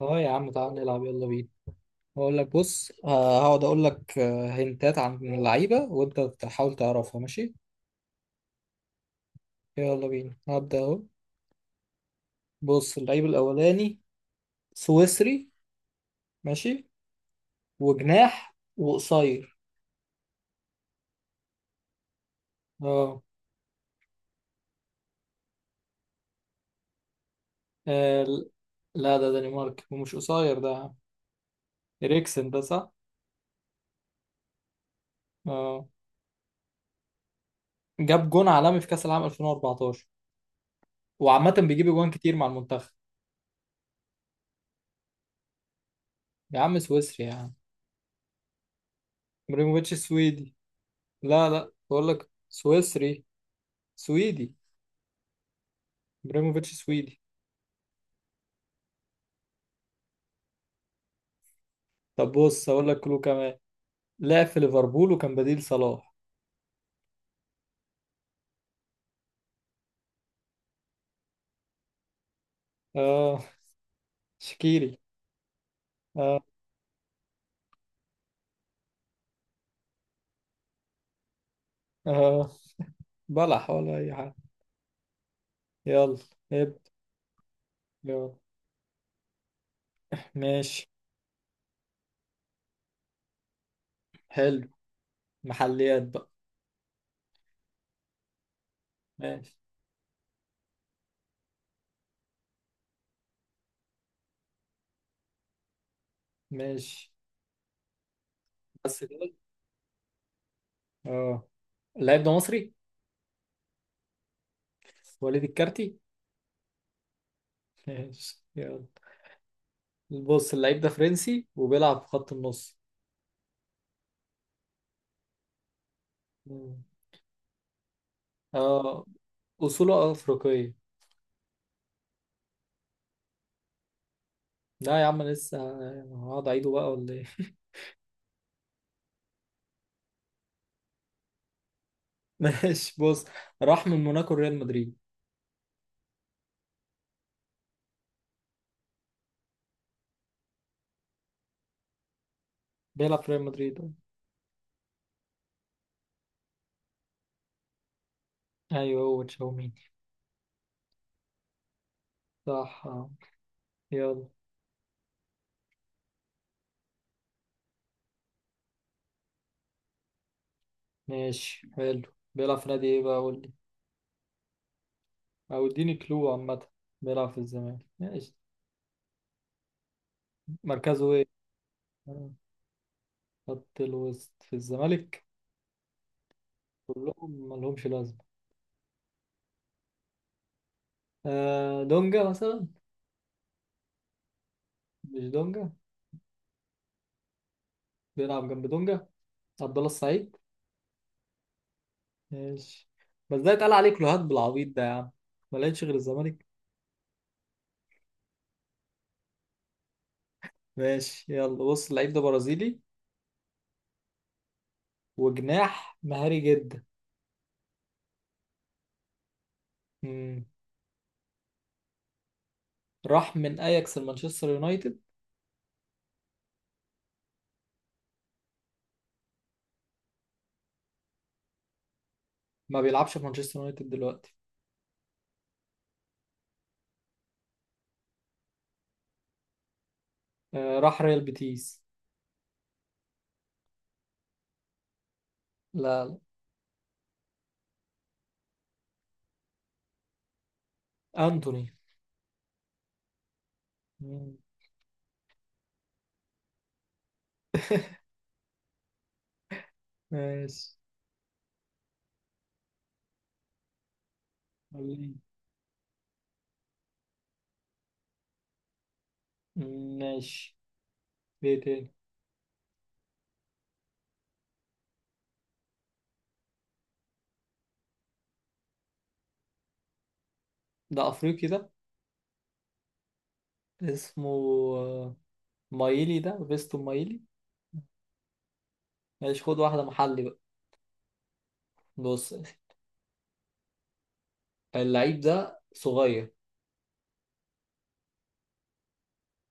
اه يا عم، تعال نلعب، يلا بينا. هقول لك بص، هقعد اقول لك، هنتات عن اللعيبه وانت تحاول تعرفها. ماشي يلا بينا، هبدا اهو. بص اللعيب الاولاني سويسري. ماشي. وجناح وقصير. اه. آه، ل- لا ده دنمارك، ومش قصير ده. اريكسن ده صح. اه. جاب جون عالمي في كاس العالم 2014، وعامه بيجيب جوان كتير مع المنتخب. يا عم سويسري يا عم. ابراهيموفيتش سويدي. لا، بقول لك سويسري. سويدي، ابراهيموفيتش سويدي. طب بص هقول لك كلو كمان. لعب في ليفربول وكان بديل صلاح. اه، شكيري. اه. اه، بلح ولا اي حاجه. يلا ابدا، يلا. ماشي، حلو. محليات بقى. ماشي. ماشي، بس كده. اه، اللعيب ده مصري. وليد الكارتي. ماشي يلا. بص اللعيب ده فرنسي، وبيلعب في خط النص. مم. اه، اصوله افريقيه. لا يا عم لسه. هقعد اعيده بقى ولا ايه؟ ماشي بص. راح من موناكو ريال مدريد. بيلعب في ريال مدريد أه. ايوه هو تشاوميني. صح آه. يلا. ماشي حلو. بيلعب في نادي ايه بقى؟ قول لي. او اديني كلو عامة. بيلعب في الزمالك ماشي. مركزه ايه؟ آه، خط الوسط في الزمالك. كلهم ملهمش لازمة. آه دونجا مثلا. مش دونجا. بيلعب جنب دونجا. عبد الله السعيد. ماشي، بس ده اتقال عليه كلوهات بالعبيط ده يا عم. ما لقيتش غير الزمالك. ماشي يلا. بص اللعيب ده برازيلي، وجناح مهاري جدا. مم. راح من اياكس لمانشستر يونايتد. ما بيلعبش في مانشستر يونايتد دلوقتي. آه، راح ريال بيتيس. لا، انتوني. مم. ماشي. خليه. مم، ماشي. ايه تاني؟ ده افريقي ده. اسمه آه، مايلي. ده فيستون مايلي. ماشي، خد واحدة محلي بقى. بص يا أخي. اللعيب ده صغير،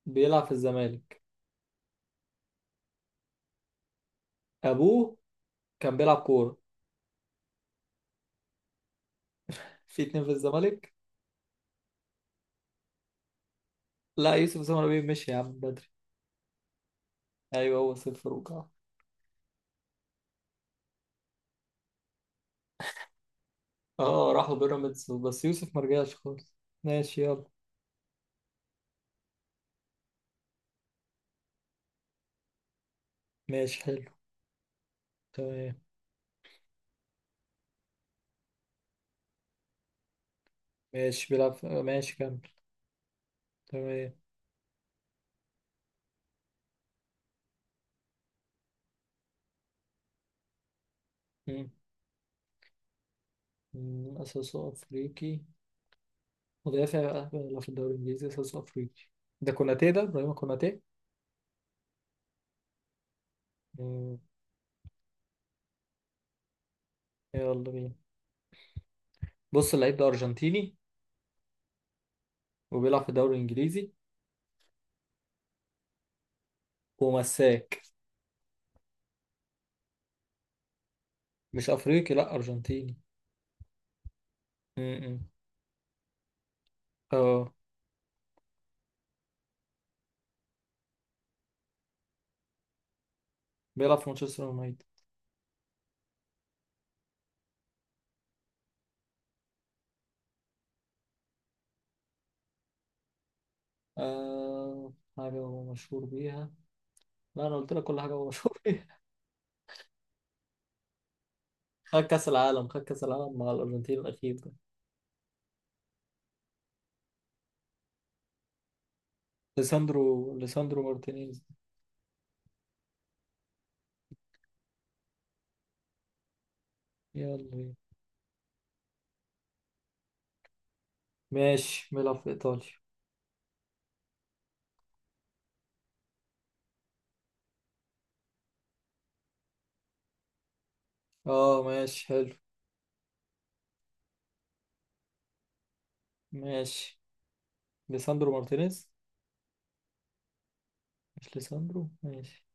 بيلعب في الزمالك. ابوه كان بيلعب كورة. في اتنين في الزمالك. لا يوسف سمر بيه مشي يا عم بدري. ايوه هو صفر. اه راحوا بيراميدز، بس يوسف مرجعش خالص. ماشي يلا. ماشي حلو. تمام. ماشي، بيلعب في- آه، ماشي كمل. تمام. مم. مم، أساسه أفريقي. مدافع بقى، بيلعب في الدوري الإنجليزي، أساسه أفريقي. ده كوناتي، ده إبراهيم كوناتي. مم، يلا بينا. بص اللعيب ده أرجنتيني، وبيلعب في الدوري الإنجليزي، ومساك. مش أفريقي، لأ أرجنتيني. مم. اه. بيلعب في مانشستر يونايتد. آه، حاجة هو مشهور بيها. لا، أنا قلت لك كل حاجة هو مشهور. خد كأس العالم، خد كأس العالم مع الأرجنتين الأخير ده. ليساندرو، ليساندرو مارتينيز. يلا. ماشي. بيلعب في إيطاليا. اه ماشي حلو. ماشي، ليساندرو مارتينيز. مش ليساندرو ماشي.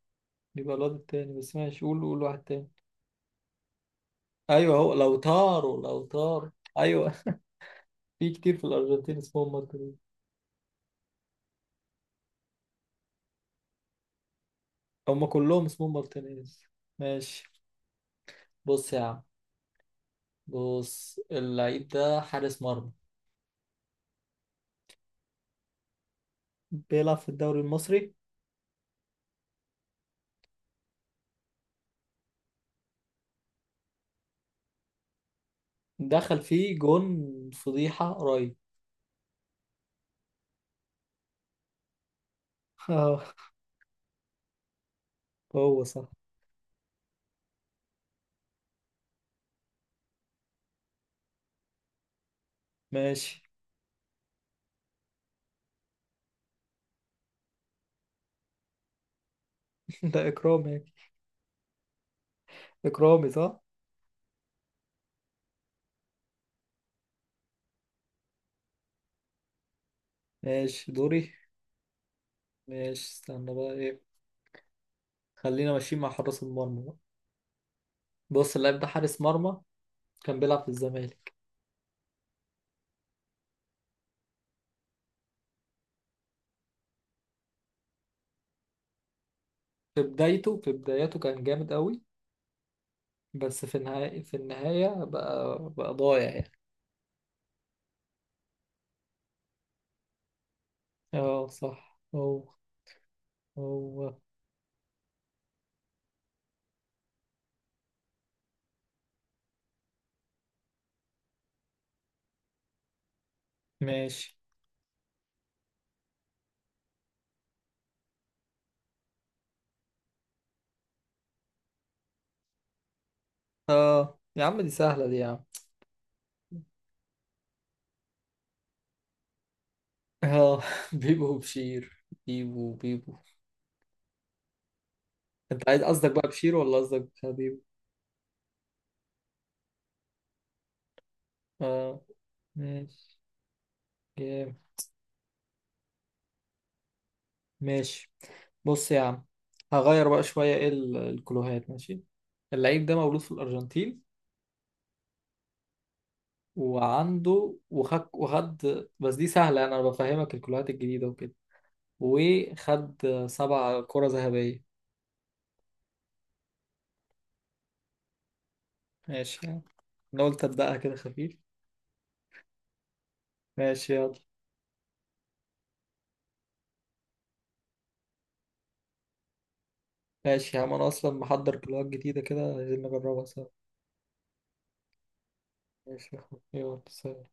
يبقى الواد التاني، بس ماشي قول، قول واحد تاني. ايوه هو لو طاروا، لو طار. ايوه. في كتير في الأرجنتين اسمهم مارتينيز. هم كلهم اسمهم مارتينيز. ماشي. بص يا عم. بص اللعيب ده حارس مرمى. بيلعب في الدوري المصري. دخل فيه جون فضيحة قريب. اه، هو صح. ماشي. ده إكرامي. إكرامي صح. ماشي دوري. ماشي، استنى بقى إيه. خلينا ماشيين مع حراس المرمى بقى. بص اللاعب ده حارس مرمى، كان بيلعب في الزمالك. في بداياته كان جامد قوي. بس في النهاية بقى ضايع يعني. اه صح، هو هو. ماشي. اه يا عم دي سهلة، دي يا عم. اه بيبو، بشير بيبو، بيبو. انت عايز قصدك بقى بشيرو، ولا قصدك حبيب؟ اه. ماشي. جامد. ماشي بص يا عم، هغير بقى شوية ايه الكلوهات. ماشي، اللعيب ده مولود في الأرجنتين، وعنده وخد بس دي سهلة، أنا بفهمك الكلوهات الجديدة وكده. وخد 7 كرة ذهبية. ماشي يعني، أنا قلت أبدأها كده خفيف. ماشي يلا. ماشي يا عم، أنا أصلا محضر كلوهات جديدة كده عايزين نجربها سوا. ماشي يا أخوي. يلا سلام.